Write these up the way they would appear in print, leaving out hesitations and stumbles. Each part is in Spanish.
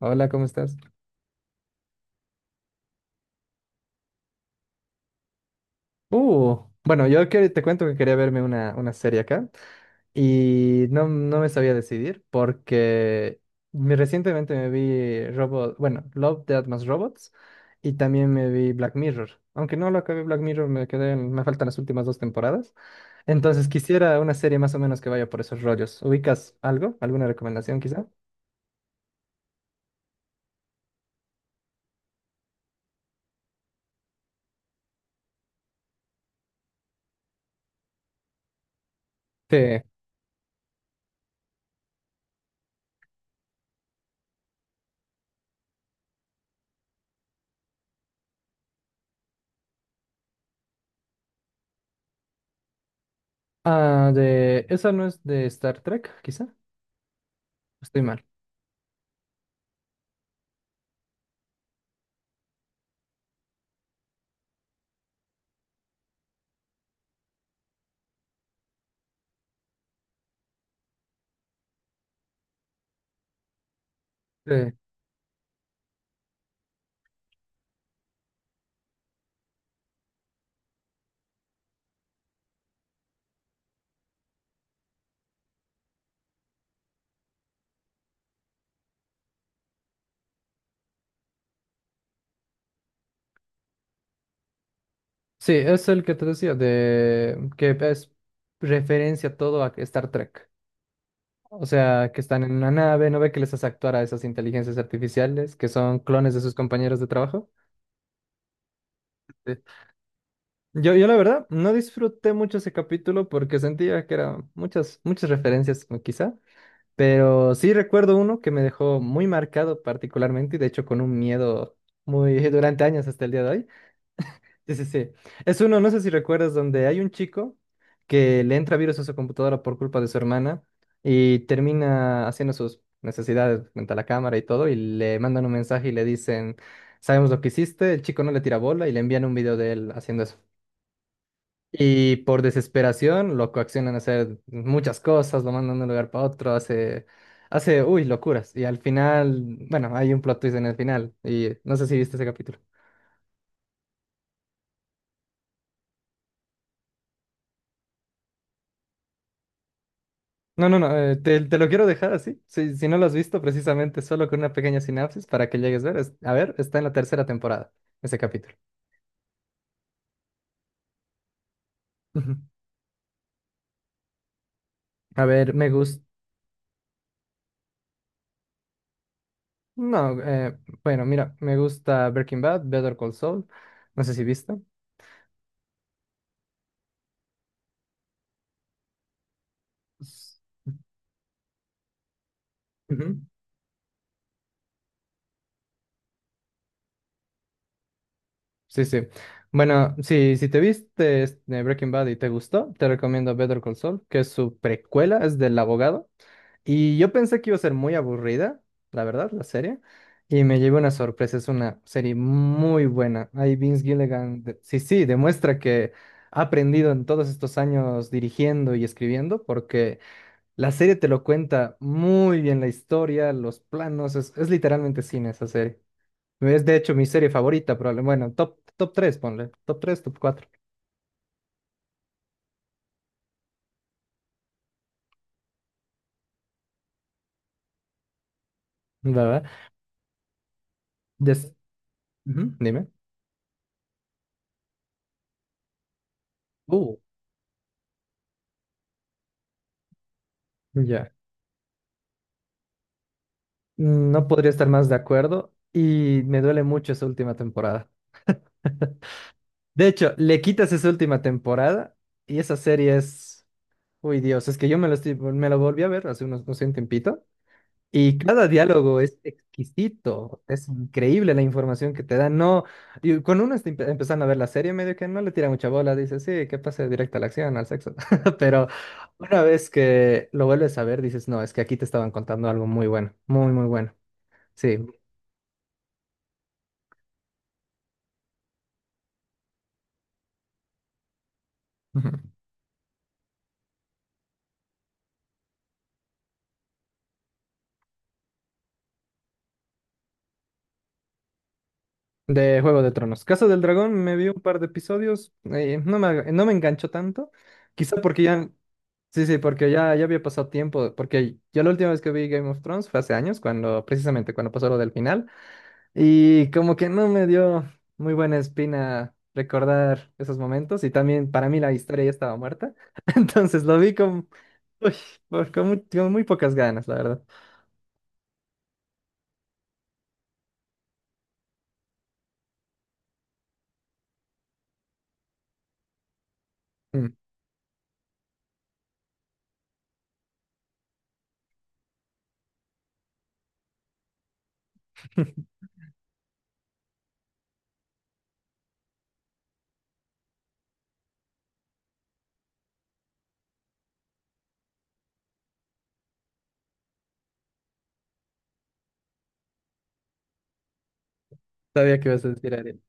Hola, ¿cómo estás? Uh, bueno, te cuento que quería verme una serie acá y no me sabía decidir porque recientemente me vi Robot, bueno, Love, Death más Robots y también me vi Black Mirror. Aunque no lo acabé Black Mirror, me quedé, me faltan las últimas dos temporadas. Entonces quisiera una serie más o menos que vaya por esos rollos. ¿Ubicas algo? ¿Alguna recomendación quizá? Sí. Ah, de... ¿Esa no es de Star Trek, quizá? Estoy mal. Sí. Sí, es el que te decía, de que es referencia todo a Star Trek. O sea, que están en una nave, no ve que les hace actuar a esas inteligencias artificiales que son clones de sus compañeros de trabajo. Sí. Yo la verdad no disfruté mucho ese capítulo porque sentía que eran muchas, muchas referencias o quizá, pero sí recuerdo uno que me dejó muy marcado particularmente y de hecho con un miedo muy durante años hasta el día de hoy. Sí, sí, sí. Es uno, no sé si recuerdas, donde hay un chico que le entra virus a su computadora por culpa de su hermana y termina haciendo sus necesidades frente a la cámara y todo, y le mandan un mensaje y le dicen, sabemos lo que hiciste, el chico no le tira bola y le envían un video de él haciendo eso. Y por desesperación lo coaccionan a hacer muchas cosas, lo mandan de un lugar para otro, uy, locuras. Y al final, bueno, hay un plot twist en el final, y no sé si viste ese capítulo. No, no, no, te lo quiero dejar así. Si, si no lo has visto, precisamente solo con una pequeña sinapsis para que llegues a ver. A ver, está en la tercera temporada, ese capítulo. Ujú. A ver, me gusta. No, bueno, mira, me gusta Breaking Bad, Better Call Saul. No sé si viste. S- Ujú. Sí, sí. Bueno, sí, si te viste este, Breaking Bad y te gustó, te recomiendo Better Call Saul, que es su precuela, es del abogado. Y yo pensé que iba a ser muy aburrida, la verdad, la serie. Y me llevé una sorpresa, es una serie muy buena. Ahí Vince Gilligan, sí, sí, demuestra que ha aprendido en todos estos años dirigiendo y escribiendo, porque la serie te lo cuenta muy bien la historia, los planos, es literalmente cine esa serie. Es de hecho mi serie favorita, probablemente. Bueno, top tres ponle. Top 3 top cuatro ¿verdad? Des- Ujú, dime. Uh, ya. No podría estar más de acuerdo y me duele mucho esa última temporada. De hecho, le quitas esa última temporada y esa serie es... Uy, Dios, es que yo me lo, estoy- me lo volví a ver hace unos, no sé, un tiempito y cada diálogo es exquisito, es increíble la información que te dan. No, y cuando uno está empezando a ver la serie, medio que no le tira mucha bola, dice, sí, que pase directa a la acción, al sexo. Pero una vez que lo vuelves a ver, dices, no, es que aquí te estaban contando algo muy bueno, muy, muy bueno. Sí. De Juego de Tronos. Casa del Dragón me vi un par de episodios, no me, no me enganchó tanto, quizá porque ya, sí, sí, porque ya, ya había pasado tiempo, porque yo la última vez que vi Game of Thrones fue hace años, cuando, precisamente cuando pasó lo del final, y como que no me dio muy buena espina recordar esos momentos, y también para mí la historia ya estaba muerta, entonces lo vi con, uy, con muy pocas ganas, la verdad. Mm. Sabía que ibas a decir Ariel.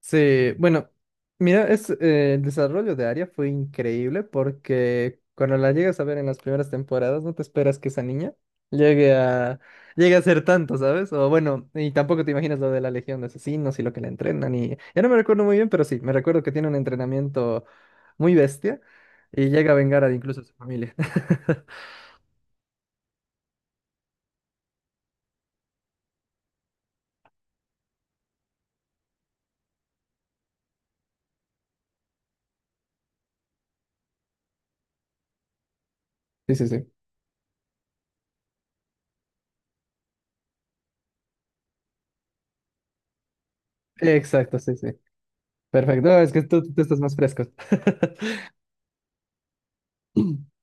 Sí, bueno, mira, el desarrollo de Arya fue increíble porque cuando la llegas a ver en las primeras temporadas, no te esperas que esa niña llegue a, llegue a ser tanto, ¿sabes? O bueno, y tampoco te imaginas lo de la Legión de Asesinos y lo que la entrenan y ya no me recuerdo muy bien, pero sí, me recuerdo que tiene un entrenamiento muy bestia y llega a vengar a incluso a su familia. Sí, sí, sí. Exacto, sí, sí. Perfecto. No, es que tú estás más fresco.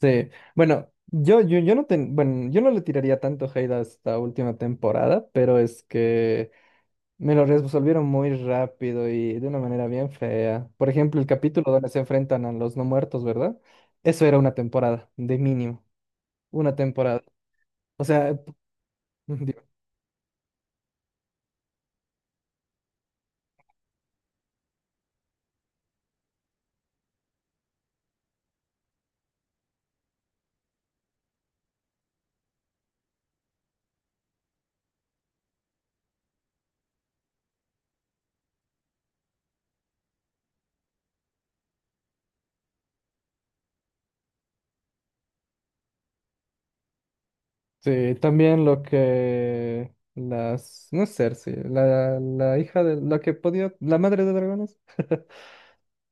Sí, bueno, yo no bueno, yo no le tiraría tanto hate a esta última temporada, pero es que me lo resolvieron muy rápido y de una manera bien fea. Por ejemplo, el capítulo donde se enfrentan a los no muertos, ¿verdad? Eso era una temporada, de mínimo, una temporada. O sea, digo, sí, también lo que las, no es Cersei, la hija de, la que podía, la madre de dragones.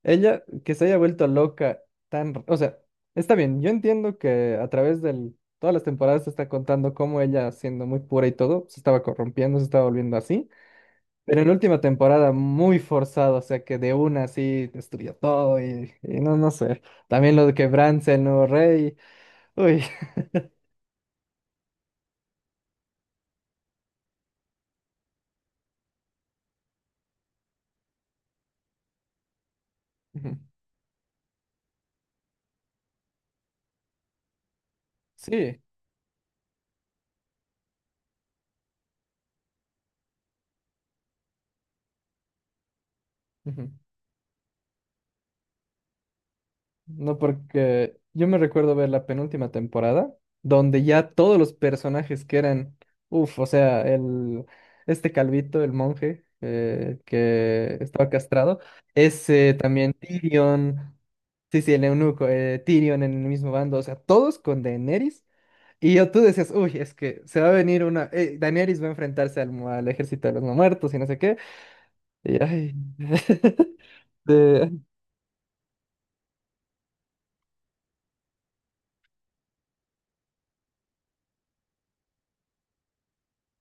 Ella que se haya vuelto loca tan, o sea, está bien, yo entiendo que a través de todas las temporadas se está contando cómo ella, siendo muy pura y todo, se estaba corrompiendo, se estaba volviendo así, pero en la última temporada muy forzado, o sea, que de una así destruyó todo y no, no sé, también lo de que Bran sea el nuevo rey, uy. Ujú, sí, ujú. No, porque yo me recuerdo ver la penúltima temporada, donde ya todos los personajes que eran, uff, o sea, el, este calvito, el monje que estaba castrado, ese también Tyrion, sí, sí, el eunuco, Tyrion en el mismo bando, o sea, todos con Daenerys. Y yo tú decías, uy, es que se va a venir una, Daenerys va a enfrentarse al, al ejército de los no muertos y no sé qué. Y ay, de-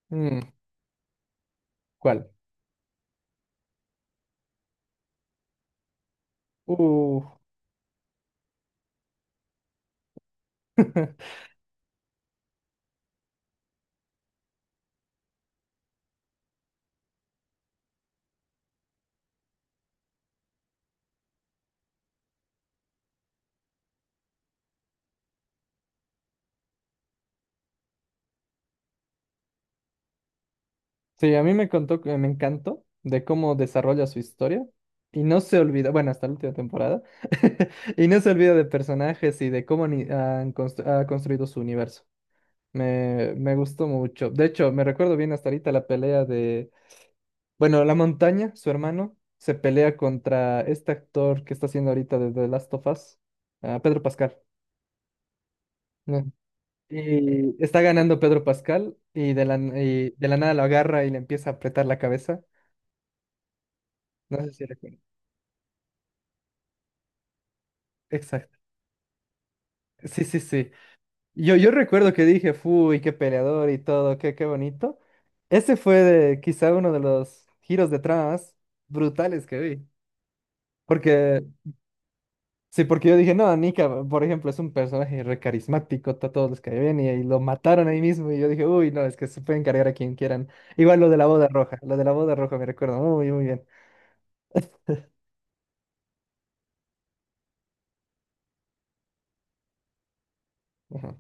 mm, ¿cuál? Uf. Sí, a mí me contó, que me encantó de cómo desarrolla su historia y no se olvida, bueno, hasta la última temporada, y no se olvida de personajes y de cómo ha construido su universo. Me gustó mucho. De hecho, me recuerdo bien hasta ahorita la pelea de, bueno, La Montaña, su hermano, se pelea contra este actor que está haciendo ahorita de The Last of Us, ah, Pedro Pascal. ¿No? Y está ganando Pedro Pascal y y de la nada lo agarra y le empieza a apretar la cabeza. No sé si recuerdas. Exacto. Sí, sí, sí. Yo recuerdo que dije, uy, qué peleador y todo, qué, qué bonito. Ese fue quizá uno de los giros de trama más brutales que vi. Porque, sí, porque yo dije, no, Nika, por ejemplo, es un personaje re carismático, todos los que ven y lo mataron ahí mismo. Y yo dije, uy, no, es que se pueden cargar a quien quieran. Igual lo de la boda roja, lo de la boda roja me recuerdo, muy, muy bien. Ajá.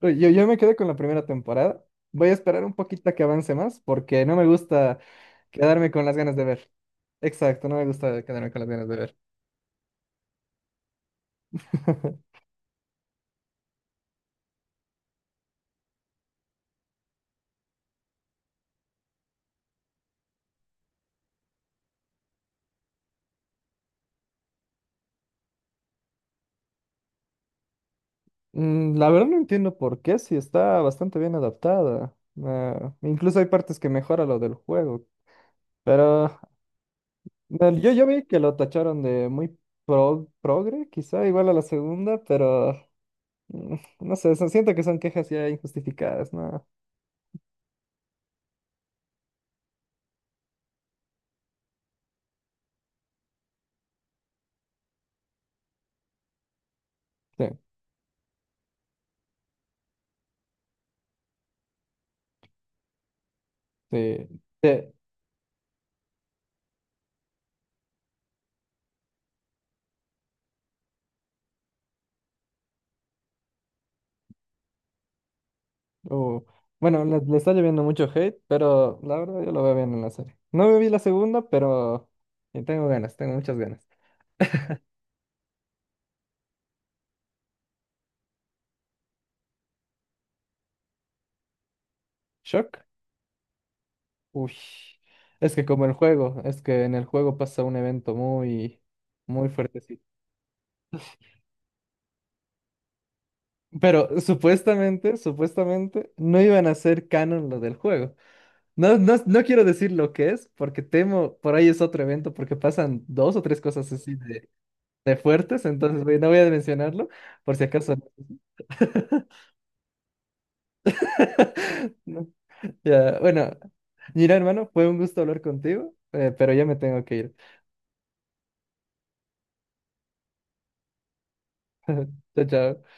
Uy, yo me quedé con la primera temporada. Voy a esperar un poquito a que avance más porque no me gusta quedarme con las ganas de ver. Exacto, no me gusta quedarme con las ganas de ver. Mm, la verdad no entiendo por qué, si está bastante bien adaptada. Ah, incluso hay partes que mejora lo del juego. Pero yo vi que lo tacharon de muy progre, quizá igual a la segunda, pero mm, no sé, siento que son quejas ya injustificadas, ¿no? Sí, sí. Sí, uh, bueno, le está lloviendo mucho hate, pero la verdad yo lo veo bien en la serie. No me vi la segunda, pero tengo ganas, tengo muchas ganas. Shock. Uy, es que como el juego, es que en el juego pasa un evento muy, muy fuertecito. Pero supuestamente, supuestamente, no iban a hacer canon lo del juego. No, no, no quiero decir lo que es, porque temo, por ahí es otro evento, porque pasan dos o tres cosas así de fuertes, entonces no voy a mencionarlo, por si acaso. No. Ya, bueno, mira, hermano, fue un gusto hablar contigo, pero ya me tengo que ir. Chao, chao.